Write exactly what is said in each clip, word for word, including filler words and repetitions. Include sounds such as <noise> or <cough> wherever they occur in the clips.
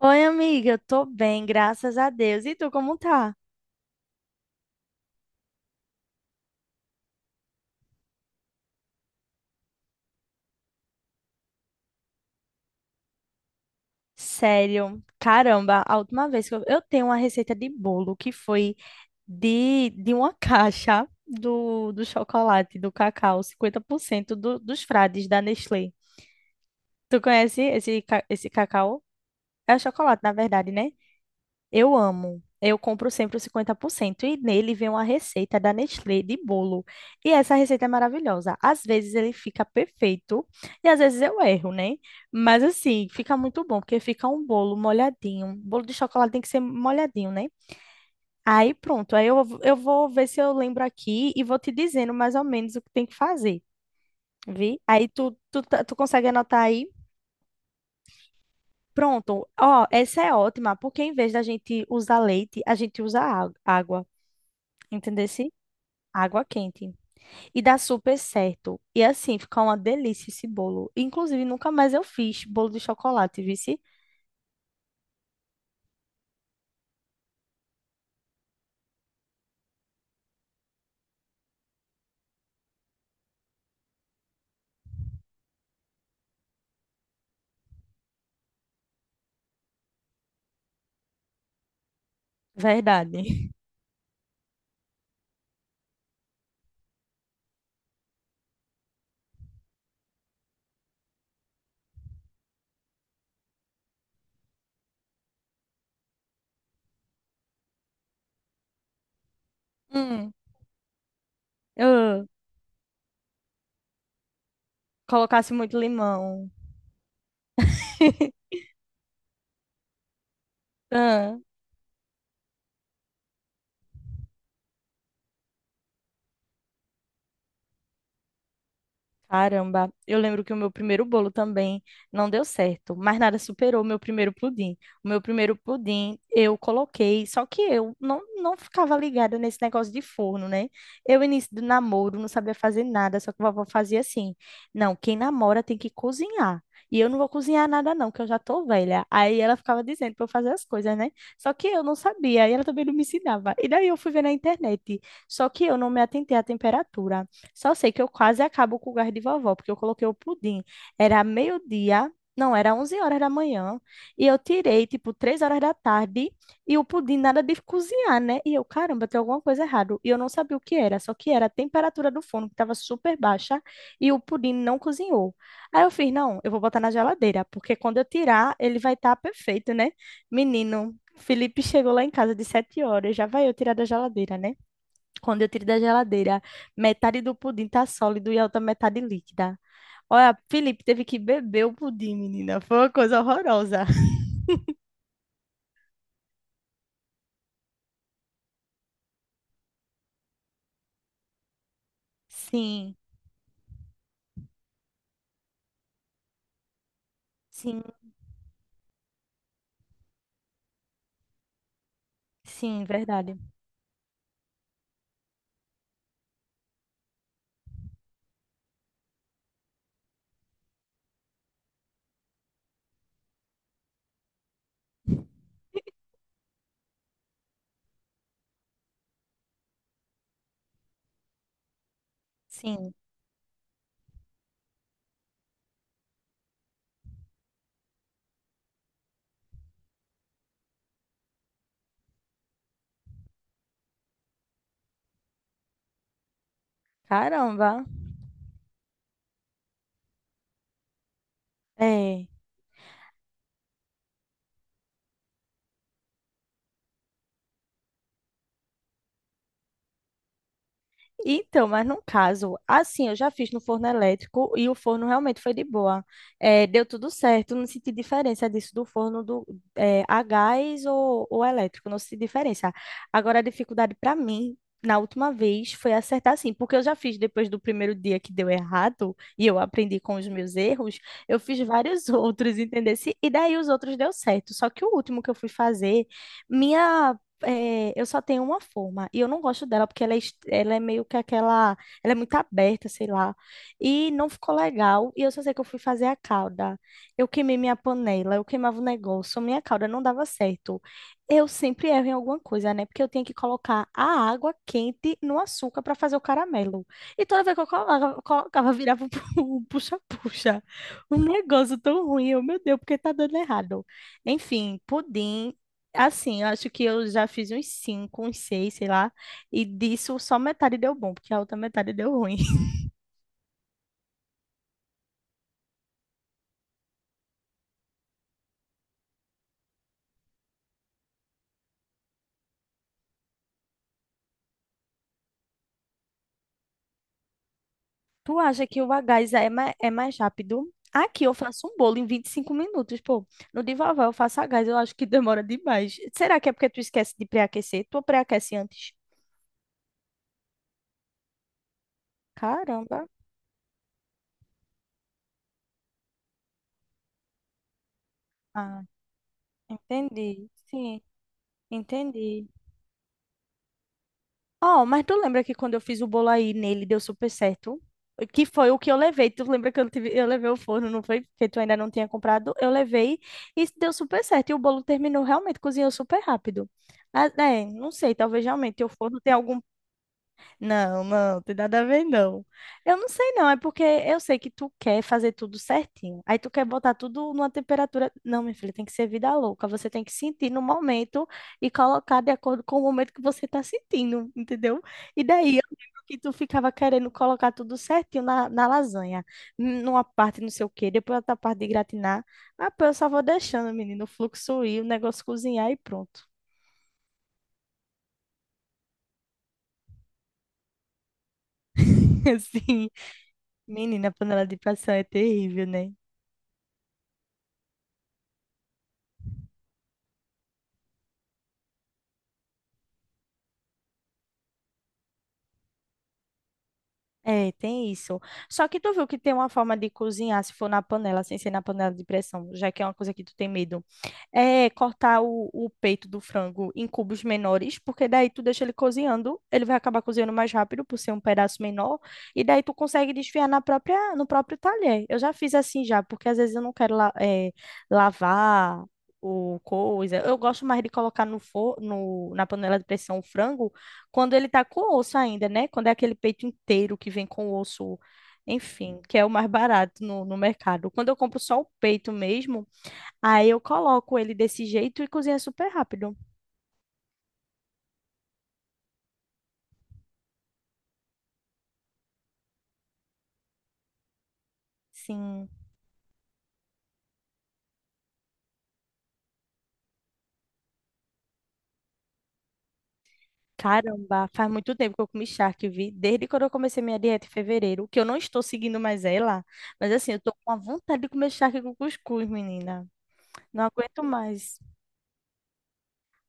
Oi, amiga, eu tô bem, graças a Deus. E tu, como tá? Sério, caramba, a última vez que eu, eu tenho uma receita de bolo que foi de, de uma <laughs> caixa do, do chocolate, do cacau, cinquenta por cento do, dos frades da Nestlé. Tu conhece esse, ca- esse cacau? É chocolate, na verdade, né? Eu amo. Eu compro sempre o cinquenta por cento e nele vem uma receita da Nestlé de bolo. E essa receita é maravilhosa. Às vezes ele fica perfeito e às vezes eu erro, né? Mas assim, fica muito bom, porque fica um bolo molhadinho. Um bolo de chocolate tem que ser molhadinho, né? Aí pronto. Aí eu, eu vou ver se eu lembro aqui e vou te dizendo mais ou menos o que tem que fazer, vi? Aí tu, tu, tá- tu consegue anotar aí? Pronto. Ó, essa é ótima, porque em vez da gente usar leite, a gente usa á- água. Entendesse? Água quente. E dá super certo. E assim, fica uma delícia esse bolo. Inclusive, nunca mais eu fiz bolo de chocolate, vice? Verdade. <laughs> Hum. ah, colocasse muito limão. <laughs> Ah. Caramba, eu lembro que o meu primeiro bolo também não deu certo, mas nada superou o meu primeiro pudim. O meu primeiro pudim eu coloquei, só que eu não, não ficava ligada nesse negócio de forno, né? Eu, início do namoro, não sabia fazer nada, só que a vovó fazia assim: não, quem namora tem que cozinhar. E eu não vou cozinhar nada, não, que eu já tô velha. Aí ela ficava dizendo pra eu fazer as coisas, né? Só que eu não sabia, e ela também não me ensinava. E daí eu fui ver na internet, só que eu não me atentei à temperatura. Só sei que eu quase acabo com o gás de vovó, porque eu coloquei o pudim. Era meio-dia, não, era onze horas da manhã, e eu tirei, tipo, três horas da tarde, e o pudim nada de cozinhar, né? E eu, caramba, tem alguma coisa errada. E eu não sabia o que era, só que era a temperatura do forno, que estava super baixa, e o pudim não cozinhou. Aí eu fiz, não, eu vou botar na geladeira, porque quando eu tirar, ele vai estar perfeito, né? Menino, Felipe chegou lá em casa de sete horas, já vai eu tirar da geladeira, né? Quando eu tiro da geladeira, metade do pudim tá sólido e a outra metade líquida. Olha, Felipe teve que beber o pudim, menina. Foi uma coisa horrorosa. Sim, sim, sim, verdade. Sim. Caramba. É. Então, mas num caso, assim, eu já fiz no forno elétrico e o forno realmente foi de boa. É, deu tudo certo, não senti diferença disso do forno do, é, a gás ou, ou elétrico, não senti diferença. Agora, a dificuldade para mim, na última vez, foi acertar assim, porque eu já fiz depois do primeiro dia que deu errado e eu aprendi com os meus erros, eu fiz vários <laughs> outros, entendeu? E daí os outros deu certo, só que o último que eu fui fazer, minha é, eu só tenho uma forma e eu não gosto dela porque ela é, est- ela é meio que aquela, ela é muito aberta, sei lá, e não ficou legal. E eu só sei que eu fui fazer a calda, eu queimei minha panela, eu queimava o negócio, minha calda não dava certo. Eu sempre erro em alguma coisa, né? Porque eu tinha que colocar a água quente no açúcar para fazer o caramelo. E toda vez que eu colocava, colocava virava <laughs> um puxa-puxa. Um negócio tão ruim, eu, meu Deus, porque tá dando errado. Enfim, pudim. Assim, eu acho que eu já fiz uns cinco, uns seis, sei lá, e disso só metade deu bom, porque a outra metade deu ruim. <laughs> Tu acha que o gás é mais, é mais rápido? Aqui eu faço um bolo em vinte e cinco minutos, pô. No de vovó eu faço a gás, eu acho que demora demais. Será que é porque tu esquece de pré-aquecer? Tu pré-aquece antes? Caramba. Ah, entendi. Sim, entendi. Ó, mas tu lembra que quando eu fiz o bolo aí nele deu super certo? Que foi o que eu levei. Tu lembra que eu, tive- eu levei o forno, não foi? Porque tu ainda não tinha comprado. Eu levei e deu super certo. E o bolo terminou realmente, cozinhou super rápido. Ah, é, não sei, talvez realmente o forno tenha algum não, não, tem nada a ver, não. Eu não sei, não. É porque eu sei que tu quer fazer tudo certinho. Aí tu quer botar tudo numa temperatura. Não, minha filha, tem que ser vida louca. Você tem que sentir no momento e colocar de acordo com o momento que você tá sentindo, entendeu? E daí eu lembro que tu ficava querendo colocar tudo certinho na, na lasanha. N- Numa parte não sei o quê, depois outra parte de gratinar. Ah, pô, eu só vou deixando, menino, o fluxo ir, o negócio cozinhar e pronto. <laughs> Assim, menina, a panela de pressão é terrível, né? É, tem isso. Só que tu viu que tem uma forma de cozinhar, se for na panela, sem ser na panela de pressão, já que é uma coisa que tu tem medo. É cortar o, o peito do frango em cubos menores, porque daí tu deixa ele cozinhando, ele vai acabar cozinhando mais rápido por ser um pedaço menor, e daí tu consegue desfiar na própria, no próprio talher. Eu já fiz assim já, porque às vezes eu não quero la- é, lavar o coisa. Eu gosto mais de colocar no, for, no na panela de pressão o frango quando ele tá com o osso ainda, né? Quando é aquele peito inteiro que vem com o osso, enfim, que é o mais barato no, no mercado. Quando eu compro só o peito mesmo, aí eu coloco ele desse jeito e cozinha super rápido. Sim. Caramba, faz muito tempo que eu comi charque, vi. Desde quando eu comecei minha dieta em fevereiro, que eu não estou seguindo mais ela, mas assim, eu tô com a vontade de comer charque com cuscuz, menina. Não aguento mais.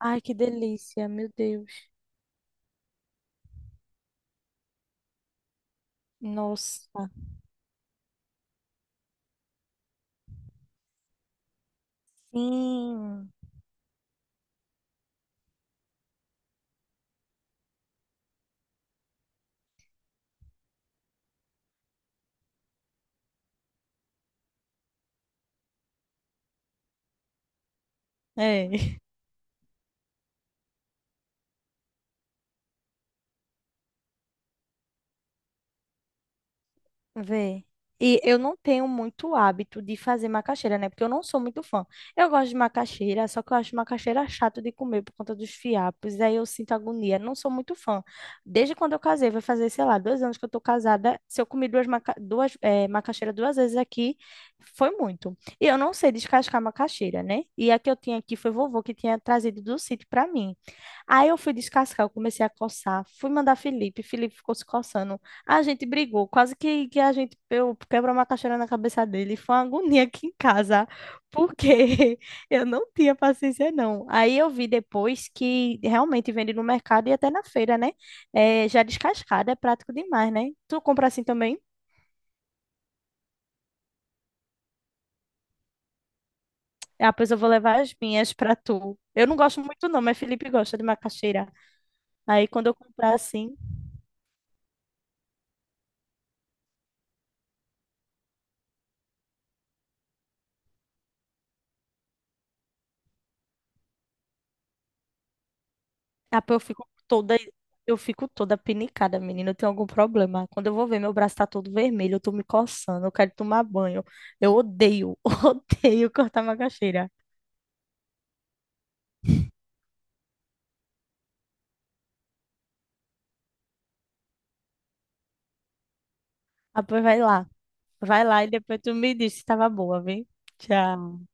Ai, que delícia, meu Deus. Nossa. Sim. É. Vê. E eu não tenho muito hábito de fazer macaxeira, né? Porque eu não sou muito fã. Eu gosto de macaxeira, só que eu acho macaxeira chato de comer por conta dos fiapos. Aí eu sinto agonia. Não sou muito fã. Desde quando eu casei, vai fazer, sei lá, dois anos que eu tô casada. Se eu comi duas, maca duas eh, macaxeira duas vezes aqui, foi muito. E eu não sei descascar macaxeira, né? E a que eu tinha aqui foi vovô que tinha trazido do sítio pra mim. Aí eu fui descascar, eu comecei a coçar. Fui mandar Felipe. Felipe ficou se coçando. A gente brigou, quase que, que a gente eu quebrou uma caixeira na cabeça dele. Foi uma agonia aqui em casa, porque <laughs> eu não tinha paciência, não. Aí eu vi depois que realmente vende no mercado e até na feira, né? É, já descascada, é prático demais, né? Tu compra assim também? Ah, pois eu vou levar as minhas pra tu. Eu não gosto muito, não, mas Felipe gosta de macaxeira. Aí quando eu comprar assim. Ah, pô, eu fico toda, eu fico toda pinicada, menina. Eu tenho algum problema. Quando eu vou ver, meu braço tá todo vermelho, eu tô me coçando, eu quero tomar banho. Eu odeio, <laughs> odeio cortar macaxeira. Ah, pois vai lá. Vai lá e depois tu me diz se tava boa, viu? Tchau.